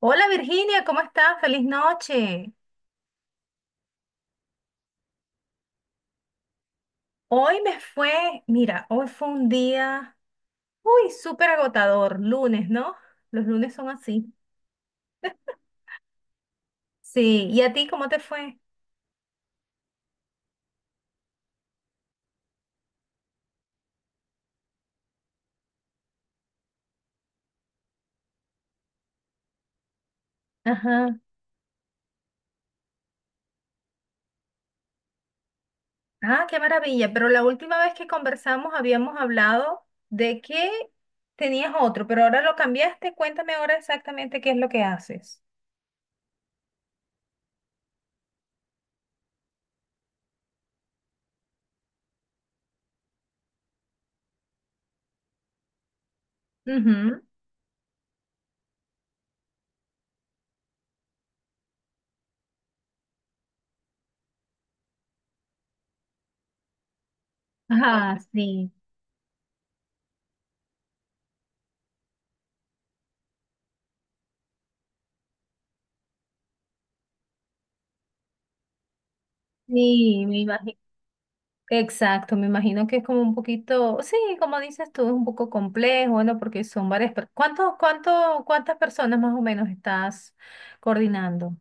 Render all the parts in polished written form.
Hola Virginia, ¿cómo estás? Feliz noche. Hoy me fue, mira, hoy fue un día, uy, súper agotador, lunes, ¿no? Los lunes son así. Sí, ¿y a ti cómo te fue? Ajá. Ah, qué maravilla, pero la última vez que conversamos habíamos hablado de que tenías otro, pero ahora lo cambiaste. Cuéntame ahora exactamente qué es lo que haces. Ujú. Ah, sí. Sí, me imagino. Exacto, me imagino que es como un poquito, sí, como dices tú, es un poco complejo, bueno, porque son varias, ¿ cuántas personas más o menos estás coordinando?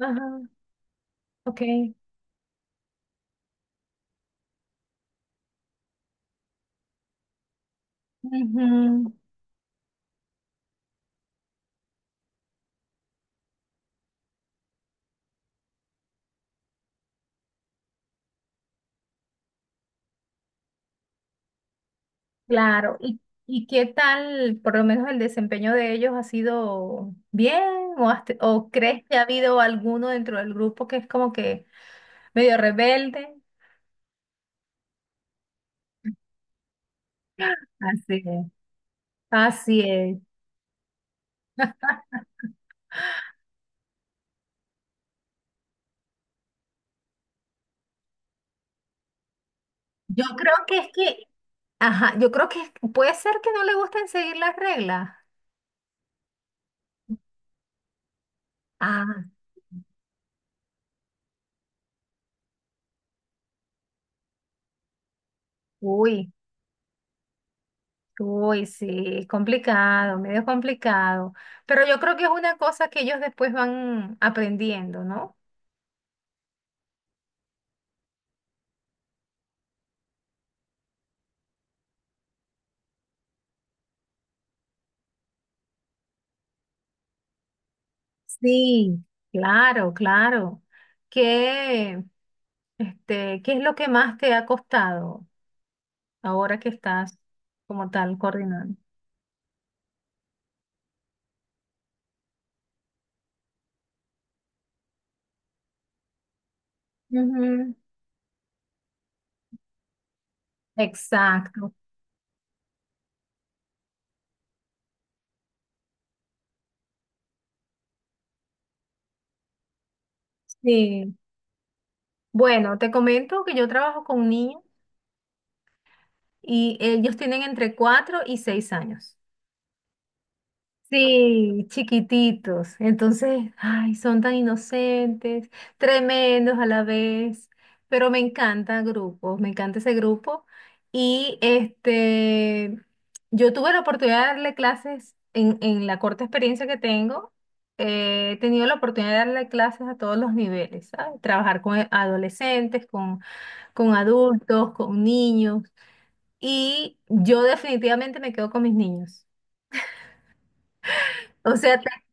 Ajá, ok. Ujú. Claro. ¿Y qué tal, por lo menos el desempeño de ellos ha sido bien o crees que ha habido alguno dentro del grupo que es como que medio rebelde? Así es. Así es. Yo creo que es que Ajá. Yo creo que puede ser que no le gusten seguir las reglas. Ah, uy, uy, sí, es complicado, medio complicado. Pero yo creo que es una cosa que ellos después van aprendiendo, ¿no? Sí, claro, claro. ¿Qué, qué es lo que más te ha costado ahora que estás como tal coordinando? Ujú. Exacto. Sí. Bueno, te comento que yo trabajo con niños. Y ellos tienen entre 4 y 6 años. Sí, chiquititos. Entonces, ay, son tan inocentes, tremendos a la vez, pero me encanta grupos, me encanta ese grupo. Y este, yo tuve la oportunidad de darle clases en la corta experiencia que tengo. He tenido la oportunidad de darle clases a todos los niveles, ¿sabes? Trabajar con adolescentes, con adultos, con niños y yo definitivamente me quedo con mis niños. O sea,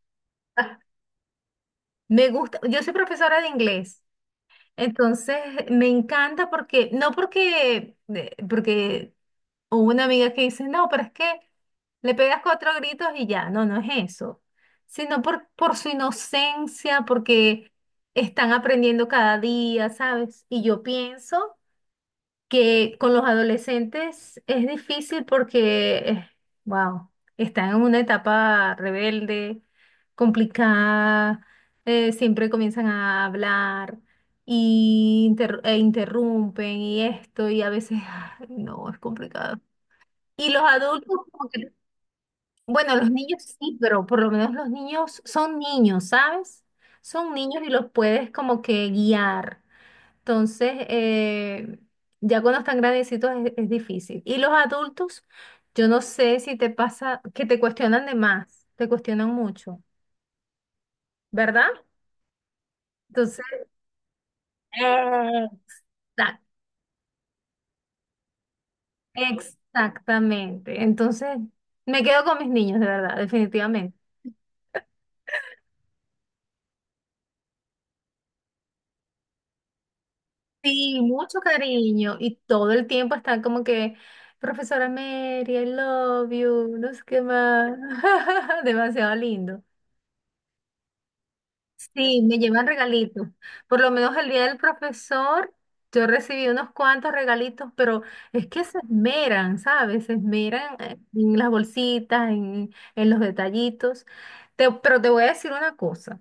me gusta, yo soy profesora de inglés, entonces me encanta porque, no porque, de- porque hubo una amiga que dice, no, pero es que le pegas cuatro gritos y ya, no, no es eso, sino por su inocencia, porque están aprendiendo cada día, ¿sabes? Y yo pienso que con los adolescentes es difícil porque, wow, están en una etapa rebelde, complicada, siempre comienzan a hablar y e interrumpen y esto, y a veces, ay, no, es complicado. Y los adultos, bueno, los niños sí, pero por lo menos los niños son niños, ¿sabes? Son niños y los puedes como que guiar. Entonces, ya cuando están grandecitos es difícil. Y los adultos, yo no sé si te pasa que te cuestionan de más, te cuestionan mucho, ¿verdad? Entonces. Ah, ta- exactamente. Entonces, me quedo con mis niños, de verdad, definitivamente. Sí, mucho cariño y todo el tiempo están como que, profesora Mary, I love you, no sé qué más. Demasiado lindo. Sí, me llevan regalitos. Por lo menos el día del profesor, yo recibí unos cuantos regalitos, pero es que se esmeran, ¿sabes? Se esmeran, en las bolsitas, en los detallitos. Pero te voy a decir una cosa.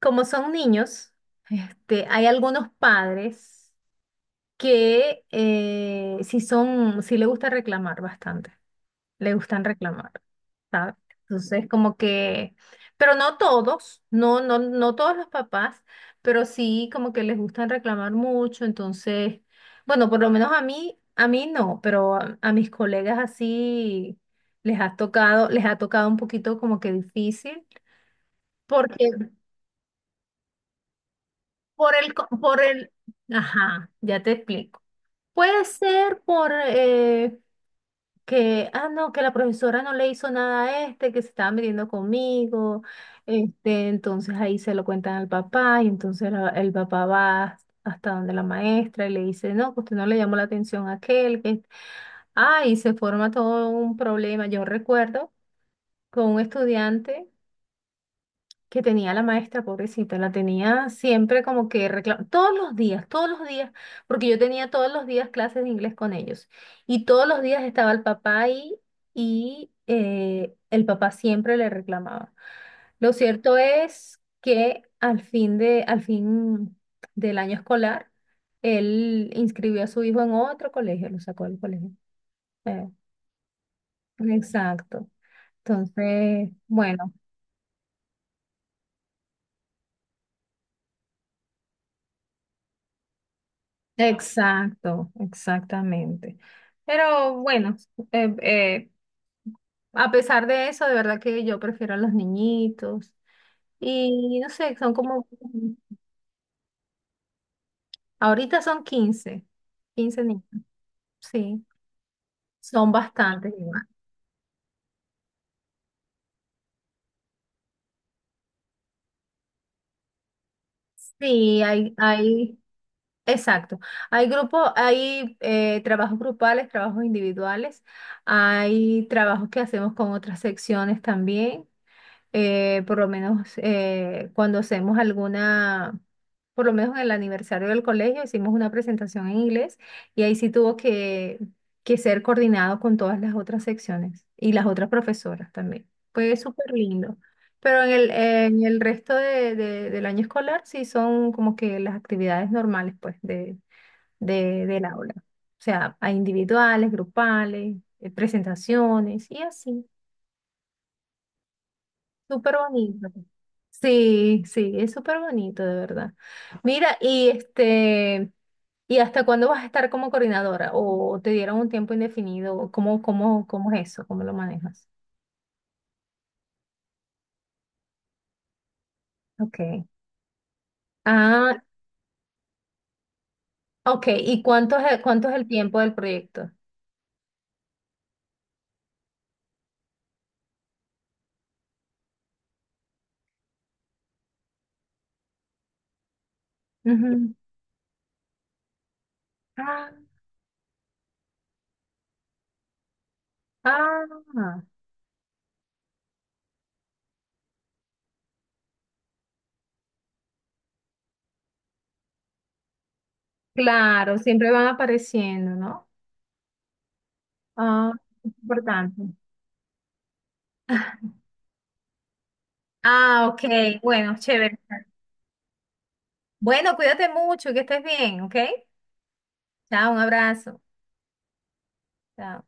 Como son niños, este, hay algunos padres que sí le gusta reclamar bastante. Le gustan reclamar, ¿sabes? Entonces, como que, pero no todos, no, no, no todos los papás, pero sí como que les gustan reclamar mucho, entonces, bueno, por lo menos a mí no, pero a mis colegas así les ha tocado un poquito como que difícil, porque por el, co- por el, ajá, ya te explico. Puede ser por, que, ah, no, que la profesora no le hizo nada a este, que se estaba metiendo conmigo, este, entonces ahí se lo cuentan al papá y entonces el papá va hasta donde la maestra y le dice, no, que usted no le llamó la atención a aquel, y se forma todo un problema. Yo recuerdo con un estudiante que tenía la maestra, pobrecita, la tenía siempre como que reclamando, todos los días, porque yo tenía todos los días clases de inglés con ellos y todos los días estaba el papá ahí y el papá siempre le reclamaba. Lo cierto es que al fin del año escolar, él inscribió a su hijo en otro colegio, lo sacó del colegio. Eh, exacto. Entonces, bueno. Exacto, exactamente. Pero bueno, eh, eh, a pesar de eso, de verdad que yo prefiero a los niñitos. Y no sé, son como, ahorita son 15, 15 niños, sí, son bastantes igual. Sí, exacto. Hay grupos, hay trabajos grupales, trabajos individuales, hay trabajos que hacemos con otras secciones también. Por lo menos cuando hacemos alguna, por lo menos en el aniversario del colegio, hicimos una presentación en inglés y ahí sí tuvo que ser coordinado con todas las otras secciones y las otras profesoras también. Fue súper lindo. Pero en el resto del año escolar sí son como que las actividades normales pues del aula. O sea, hay individuales, grupales, presentaciones y así. Súper bonito. Sí, sí, es súper bonito, de verdad. Mira, y este, ¿y hasta cuándo vas a estar como coordinadora? ¿O te dieron un tiempo indefinido? ¿Cómo es eso? ¿Cómo lo manejas? Ok. Ah, ok. ¿Y cuánto es el tiempo del proyecto? Ujú. Ah, ah, claro, siempre van apareciendo, ¿no? Ah, es importante. Ah, ok. Bueno, chévere. Bueno, cuídate mucho, que estés bien, ¿ok? Chao, un abrazo. Chao.